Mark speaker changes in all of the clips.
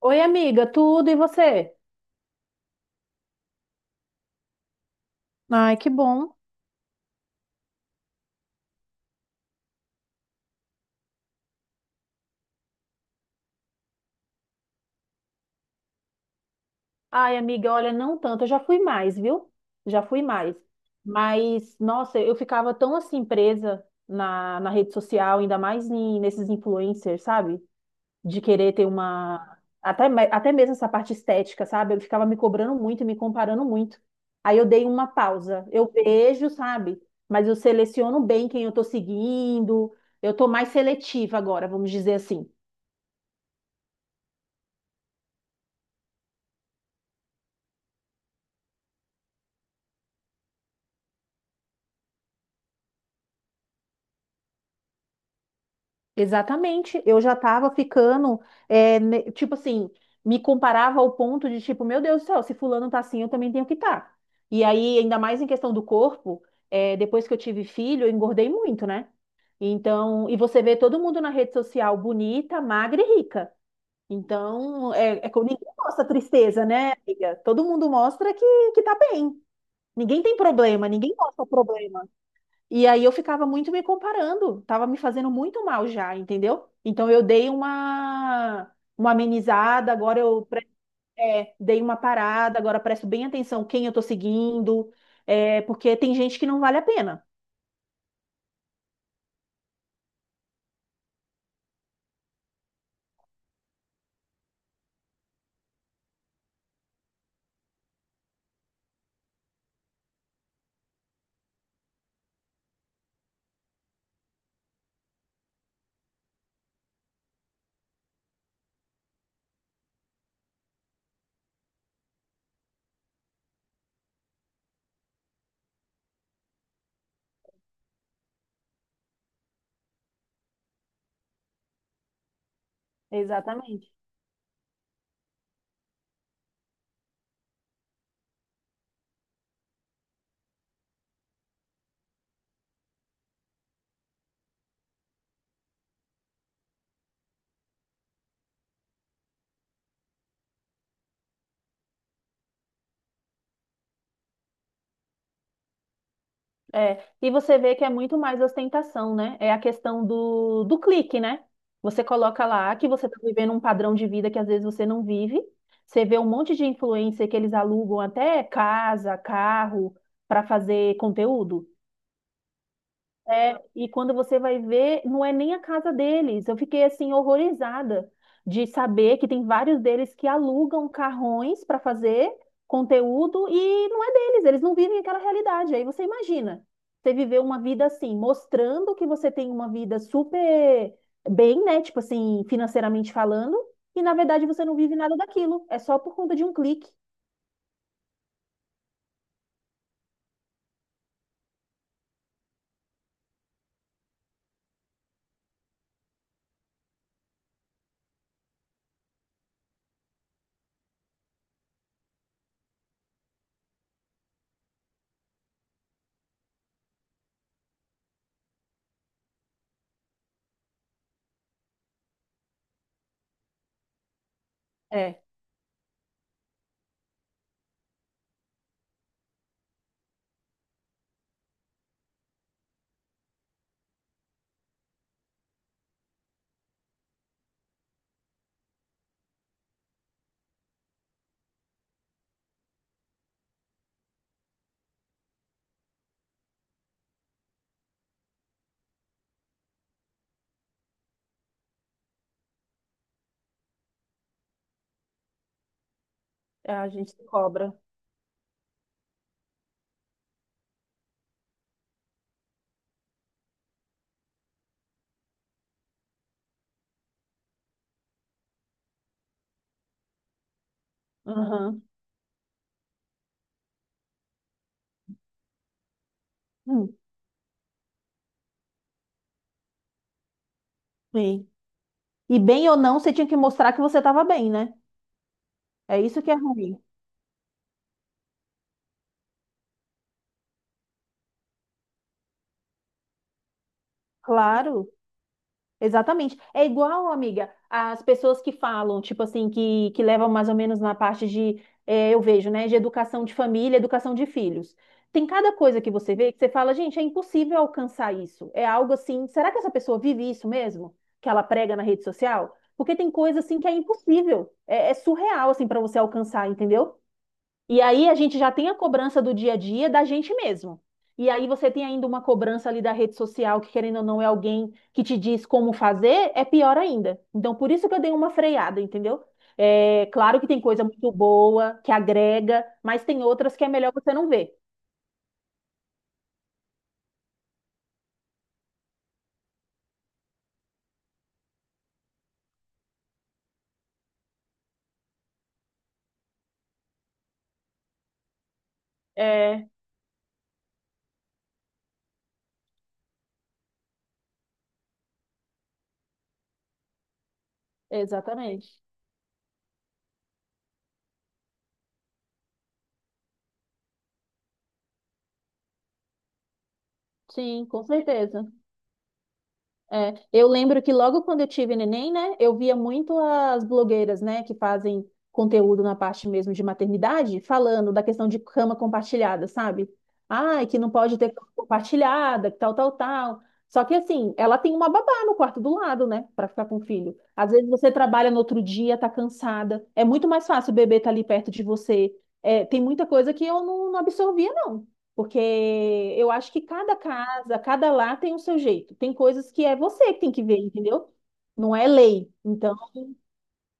Speaker 1: Oi, amiga, tudo e você? Ai, que bom. Ai, amiga, olha, não tanto, eu já fui mais, viu? Já fui mais. Mas, nossa, eu ficava tão assim presa na rede social, ainda mais nesses influencers, sabe? De querer ter uma. Até, até mesmo essa parte estética, sabe? Eu ficava me cobrando muito e me comparando muito. Aí eu dei uma pausa. Eu vejo, sabe? Mas eu seleciono bem quem eu tô seguindo. Eu tô mais seletiva agora, vamos dizer assim. Exatamente, eu já tava ficando, tipo assim, me comparava ao ponto de tipo, meu Deus do céu, se fulano tá assim, eu também tenho que estar. E aí, ainda mais em questão do corpo, depois que eu tive filho, eu engordei muito, né? Então, e você vê todo mundo na rede social bonita, magra e rica. Então, ninguém mostra tristeza, né, amiga? Todo mundo mostra que tá bem. Ninguém tem problema, ninguém mostra problema. E aí eu ficava muito me comparando, tava me fazendo muito mal já, entendeu? Então eu dei uma amenizada, agora eu dei uma parada, agora presto bem atenção quem eu tô seguindo, porque tem gente que não vale a pena. Exatamente. É, e você vê que é muito mais ostentação, né? É a questão do clique, né? Você coloca lá que você está vivendo um padrão de vida que às vezes você não vive. Você vê um monte de influencer que eles alugam até casa, carro, para fazer conteúdo. É, e quando você vai ver, não é nem a casa deles. Eu fiquei assim horrorizada de saber que tem vários deles que alugam carrões para fazer conteúdo e não é deles, eles não vivem aquela realidade. Aí você imagina, você viver uma vida assim, mostrando que você tem uma vida super bem, né? Tipo assim, financeiramente falando, e na verdade você não vive nada daquilo. É só por conta de um clique. É, a gente se cobra. Aham. Hum, sim. E bem ou não, você tinha que mostrar que você estava bem, né? É isso que é ruim. Claro, exatamente. É igual, amiga, as pessoas que falam, tipo assim, que levam mais ou menos na parte de, eu vejo, né, de educação de família, educação de filhos. Tem cada coisa que você vê que você fala, gente, é impossível alcançar isso. É algo assim, será que essa pessoa vive isso mesmo? Que ela prega na rede social? Porque tem coisa assim que é impossível, é surreal assim para você alcançar, entendeu? E aí a gente já tem a cobrança do dia a dia da gente mesmo. E aí você tem ainda uma cobrança ali da rede social, que querendo ou não é alguém que te diz como fazer, é pior ainda. Então por isso que eu dei uma freada, entendeu? É, claro que tem coisa muito boa, que agrega, mas tem outras que é melhor você não ver. É, exatamente. Sim, com certeza. É, eu lembro que logo quando eu tive neném, né, eu via muito as blogueiras, né, que fazem conteúdo na parte mesmo de maternidade, falando da questão de cama compartilhada, sabe? Ai, que não pode ter cama compartilhada, que tal, tal, tal. Só que assim, ela tem uma babá no quarto do lado, né, para ficar com o filho. Às vezes você trabalha no outro dia, tá cansada. É muito mais fácil o bebê tá ali perto de você. É, tem muita coisa que eu não absorvia, não. Porque eu acho que cada casa, cada lar tem o seu jeito. Tem coisas que é você que tem que ver, entendeu? Não é lei. Então,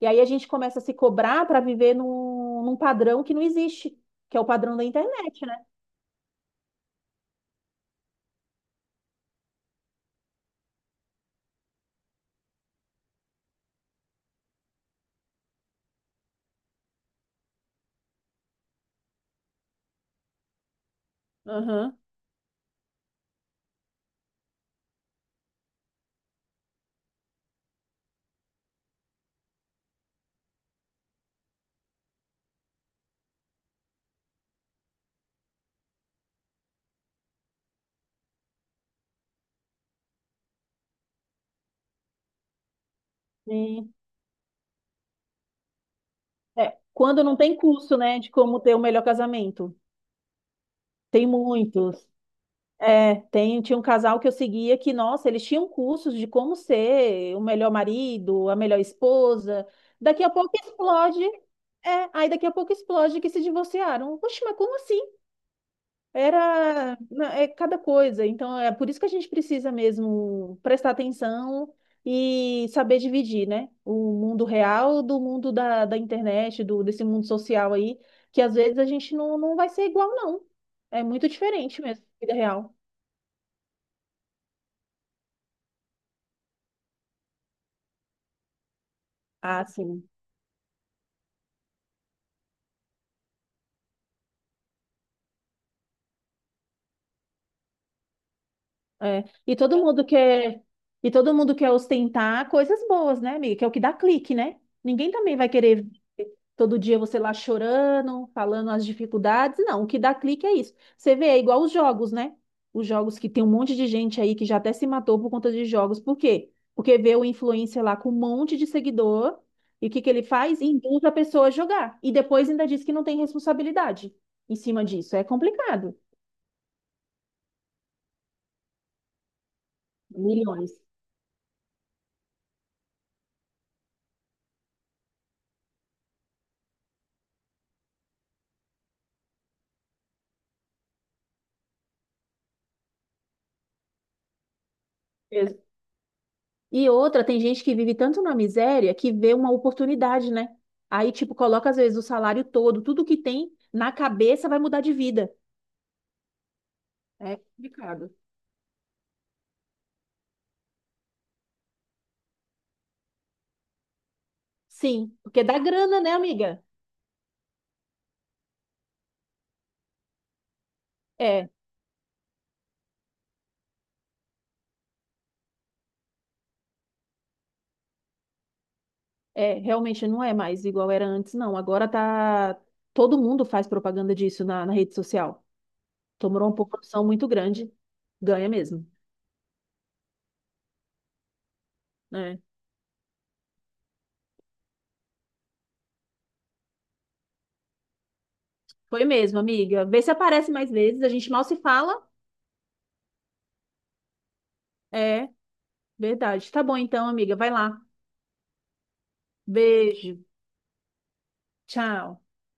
Speaker 1: e aí a gente começa a se cobrar para viver num padrão que não existe, que é o padrão da internet, né? Aham. Sim. É, quando não tem curso, né, de como ter o melhor casamento. Tem muitos. É, tem, tinha um casal que eu seguia que, nossa, eles tinham cursos de como ser o melhor marido, a melhor esposa. Daqui a pouco explode. É, aí daqui a pouco explode que se divorciaram. Poxa, mas como assim? É cada coisa. Então é por isso que a gente precisa mesmo prestar atenção e saber dividir, né? O mundo real do mundo da internet, desse mundo social aí, que às vezes a gente não vai ser igual, não. É muito diferente mesmo, vida real. Ah, sim. É. E todo mundo quer ostentar coisas boas, né, amiga? Que é o que dá clique, né? Ninguém também vai querer ver todo dia você lá chorando, falando as dificuldades. Não, o que dá clique é isso. Você vê, é igual os jogos, né? Os jogos que tem um monte de gente aí que já até se matou por conta de jogos. Por quê? Porque vê o influencer lá com um monte de seguidor e o que que ele faz? Induz a pessoa a jogar. E depois ainda diz que não tem responsabilidade em cima disso. É complicado. Milhões. E outra, tem gente que vive tanto na miséria que vê uma oportunidade, né? Aí, tipo, coloca às vezes o salário todo, tudo que tem na cabeça vai mudar de vida. É complicado. Sim, porque dá grana, né, amiga? É, realmente não é mais igual era antes, não. Agora tá. Todo mundo faz propaganda disso na rede social. Tomou uma proporção muito grande. Ganha mesmo, né? Foi mesmo, amiga. Vê se aparece mais vezes. A gente mal se fala. É, verdade. Tá bom então, amiga. Vai lá. Beijo. Tchau.